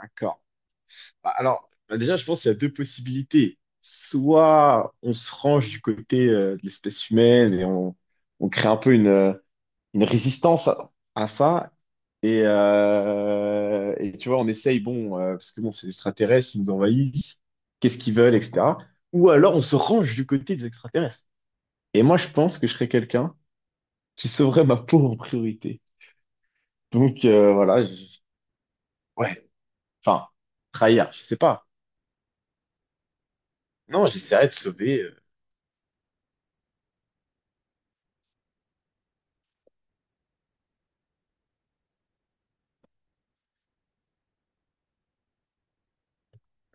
D'accord. Bah, alors, bah, déjà, je pense qu'il y a deux possibilités. Soit on se range du côté de l'espèce humaine et on crée un peu une résistance à ça. Et tu vois, on essaye, bon, parce que bon, c'est des extraterrestres, ils nous envahissent, qu'est-ce qu'ils veulent, etc. Ou alors on se range du côté des extraterrestres. Et moi, je pense que je serais quelqu'un qui sauverait ma peau en priorité. Donc, voilà, ouais, enfin, trahir, je sais pas. Non, j'essaierais de sauver.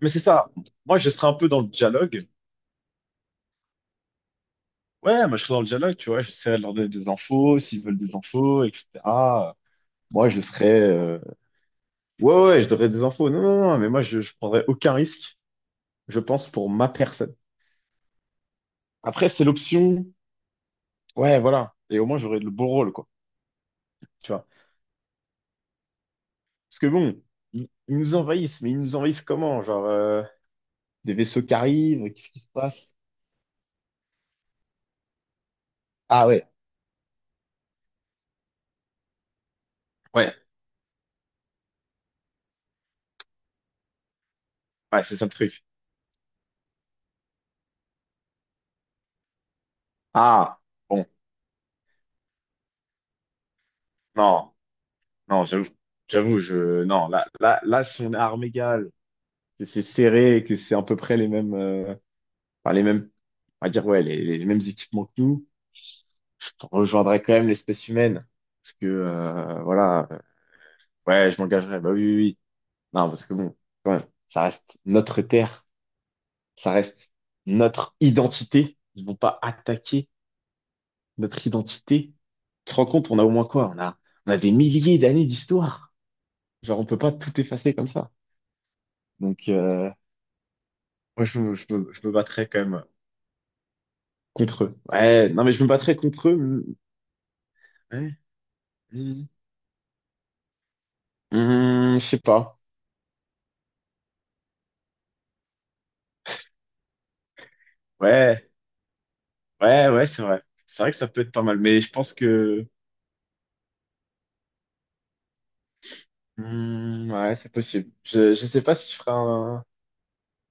Mais c'est ça. Moi, je serais un peu dans le dialogue. Ouais, moi, je serais dans le dialogue, tu vois. J'essaierais de leur donner des infos, s'ils veulent des infos, etc. Moi, je serais. Ouais, ouais, je donnerais des infos. Non, non, non, mais moi, je prendrais aucun risque, je pense, pour ma personne. Après, c'est l'option. Ouais, voilà. Et au moins, j'aurais le beau rôle, quoi. Tu vois. Parce que bon, ils nous envahissent, mais ils nous envahissent comment? Genre, des vaisseaux qui arrivent, qu'est-ce qui se passe? Ah ouais, ouais, ouais, c'est ça le truc. Ah, bon, non. Non, j'avoue, j'avoue, non, là, là, là, si on est à armes égales, que c'est serré et que c'est à peu près les mêmes, enfin, les mêmes, on va dire, ouais, les mêmes équipements que nous, je rejoindrais quand même l'espèce humaine. Parce que, voilà, ouais, je m'engagerais, bah oui, oui, oui. Non, parce que bon, quand même, ça reste notre terre, ça reste notre identité. Ils vont pas attaquer notre identité. Tu te rends compte, on a au moins quoi? On a des milliers d'années d'histoire. Genre, on peut pas tout effacer comme ça. Donc, moi, je me battrais quand même contre eux. Ouais, non, mais je me battrais contre eux. Hum, ouais, vas-y, vas-y. Je sais pas. Ouais, ouais, ouais, c'est vrai. C'est vrai que ça peut être pas mal, mais je pense que. Hum, ouais, c'est possible. Je sais pas si je ferai un.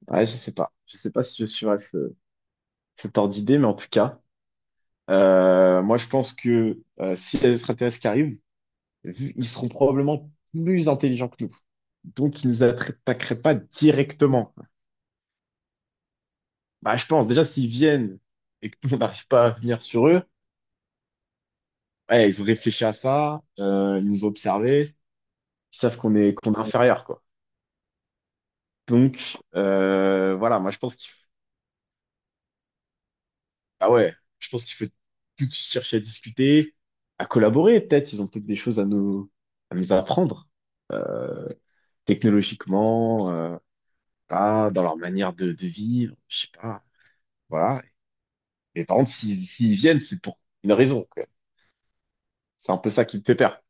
Ouais, je sais pas. Je sais pas si je suivrai cet ordre d'idée, mais en tout cas, moi, je pense que s'il y a des extraterrestres qui arrivent, ils seront probablement plus intelligents que nous. Donc, ils nous attaqueraient pas directement. Bah, je pense déjà s'ils viennent et que nous, on n'arrive pas à venir sur eux, ouais, ils ont réfléchi à ça, ils nous ont observés, ils savent qu'on est inférieur quoi. Donc voilà, moi je pense qu'il faut, ah ouais, je pense qu'il faut tout de suite chercher à discuter, à collaborer peut-être, ils ont peut-être des choses à nous apprendre euh, technologiquement, dans leur manière de vivre, je sais pas, voilà. Mais par contre, s'ils viennent, c'est pour une raison quoi. C'est un peu ça qui me fait peur.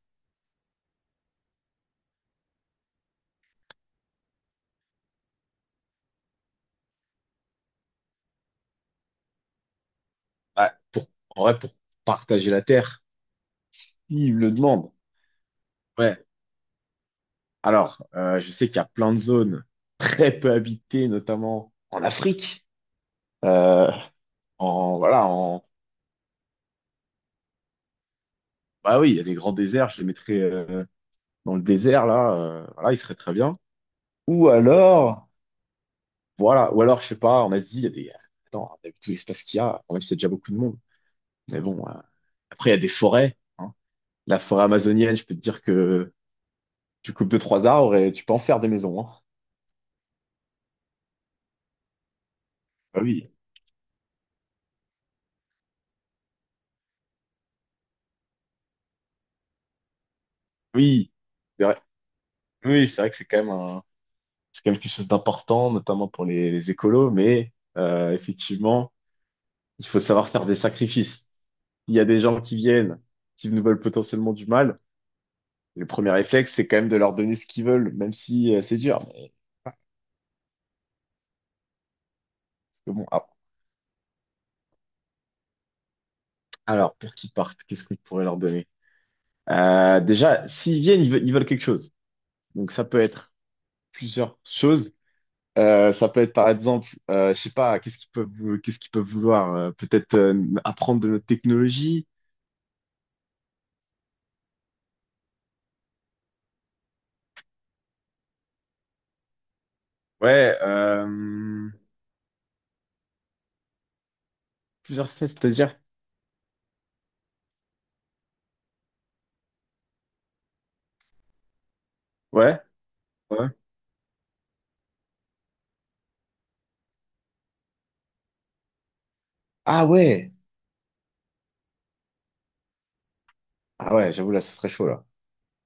Bah, pour, en vrai, pour partager la Terre, il le demande. Ouais. Alors, je sais qu'il y a plein de zones très peu habitées, notamment en Afrique. Euh, en, voilà, en, bah oui, il y a des grands déserts, je les mettrais dans le désert, là. Voilà, ils seraient très bien. Ou alors, voilà, ou alors, je sais pas, en Asie, il y a des. Attends, on a vu tout l'espace qu'il y a, en même si c'est déjà beaucoup de monde. Mais bon, après, il y a des forêts, hein. La forêt amazonienne, je peux te dire que tu coupes deux, trois arbres et tu peux en faire des maisons, hein. Bah oui, oui, c'est vrai. Oui, c'est vrai que c'est quand même c'est quand même quelque chose d'important, notamment pour les écolos, mais effectivement, il faut savoir faire des sacrifices. Il y a des gens qui viennent, qui nous veulent potentiellement du mal. Le premier réflexe, c'est quand même de leur donner ce qu'ils veulent, même si c'est dur. Mais. Parce que bon, ah, alors, pour qu'ils partent, qu'est-ce qu'on pourrait leur donner? Déjà, s'ils viennent, ils veulent quelque chose. Donc, ça peut être plusieurs choses. Ça peut être par exemple, je sais pas, qu'est-ce qu'ils peuvent vouloir? Peut-être apprendre de notre technologie. Ouais, plusieurs tests, c'est-à-dire? Ouais, ouais. Ah ouais, ah ouais, j'avoue là, ce serait chaud là.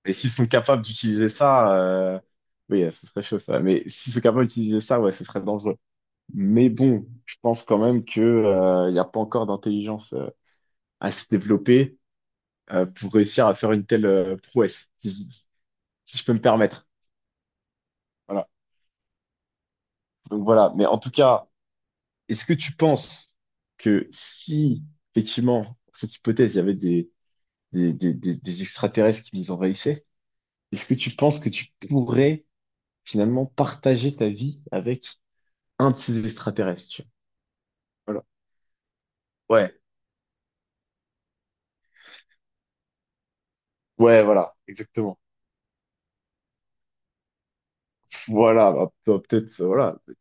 Et s'ils sont capables d'utiliser ça, oui, ce serait chaud ça. Mais s'ils sont capables d'utiliser ça, ouais, ce serait dangereux. Mais bon, je pense quand même que il n'y a pas encore d'intelligence assez développée pour réussir à faire une telle prouesse, si je peux me permettre. Voilà. Donc voilà, mais en tout cas, est-ce que tu penses que si, effectivement, cette hypothèse, il y avait des extraterrestres qui nous envahissaient, est-ce que tu penses que tu pourrais finalement partager ta vie avec un de ces extraterrestres? Tu vois? Voilà. Ouais. Ouais, voilà, exactement. Voilà, bah, peut-être, voilà. Peut-être.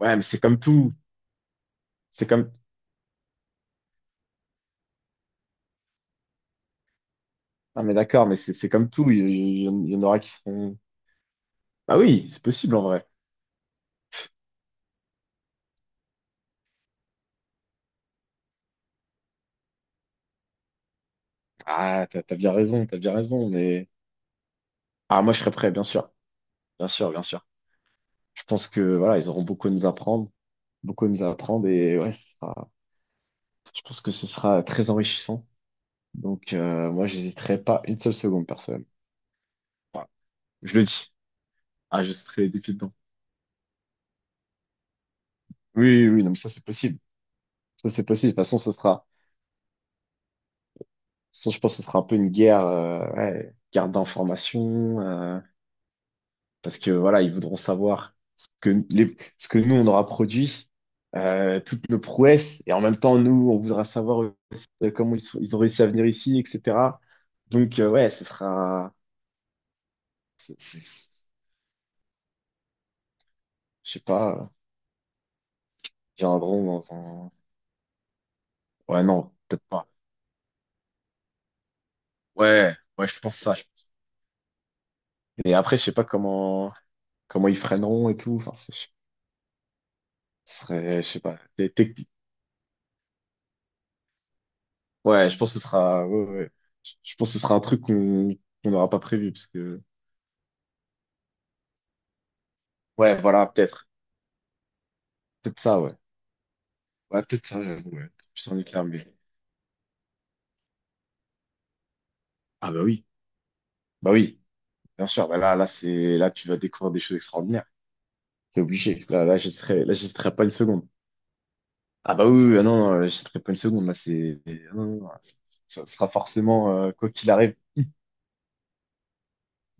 Ouais, mais c'est comme tout. C'est comme. Ah mais d'accord, mais c'est comme tout. Il y en aura qui seront. Ah oui, c'est possible en vrai. Ah, t'as bien raison, t'as bien raison, mais. Ah, moi, je serais prêt, bien sûr. Bien sûr, bien sûr. Je pense que voilà, ils auront beaucoup à nous apprendre, beaucoup à nous apprendre et ouais, je pense que ce sera très enrichissant. Donc moi, j'hésiterai pas une seule seconde, personnellement. Voilà. Je le dis. Ah, je serai défiant. Oui, oui, oui, non, mais ça c'est possible. Ça c'est possible. De toute façon, ce sera, de toute façon, je pense que ce sera un peu une guerre, ouais, guerre d'information. Parce que voilà, ils voudront savoir ce que nous, on aura produit, toutes nos prouesses, et en même temps, nous, on voudra savoir aussi, comment ils ont réussi à venir ici, etc. Donc, ouais, ce sera, c'est- c'est- je sais pas, viendront dans un. Ouais, non, peut-être pas. Ouais, ouais, je pense ça. Je pense. Et après, je sais pas comment ils freineront et tout. Enfin, ce serait, je sais pas, des techniques. Ouais, je pense que ce sera, ouais, ouais. Ouais. Je pense que ce sera un truc qu'on n'aura pas prévu, parce que. Ouais, voilà, peut-être. Peut-être ça, ouais. Ouais, peut-être ça, j'avoue, ouais. Puissant nucléaire, mais. Ah bah oui, bien sûr. Bah là, là, c'est là, tu vas découvrir des choses extraordinaires. C'est obligé. Là, là, je j'hésiterai pas une seconde. Ah bah oui, oui, oui. Ah non, non, là, j'hésiterai pas une seconde. Là, c'est. Ah, non, non, non, ça sera forcément, quoi qu'il arrive,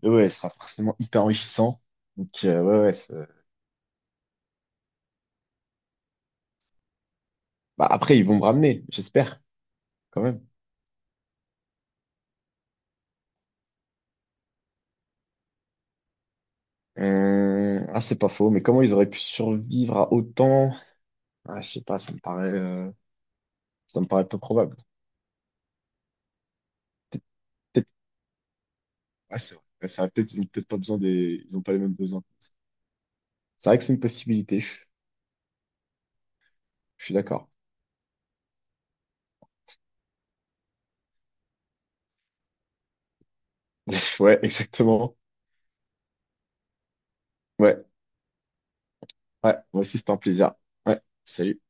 mais ouais, ça sera forcément hyper enrichissant. Donc, ouais, ouais. Bah, après, ils vont me ramener, j'espère, quand même. Ah, c'est pas faux, mais comment ils auraient pu survivre à autant? Ah, je sais pas, ça me paraît peu probable. Peut-être, ouais, c'est vrai. Ouais, c'est vrai. Peut-être, ils ont peut-être pas besoin ils ont pas les mêmes besoins. C'est vrai que c'est une possibilité. Je suis d'accord. Ouais, exactement. Ouais, ouais. Moi aussi, c'était un plaisir. Ouais. Salut.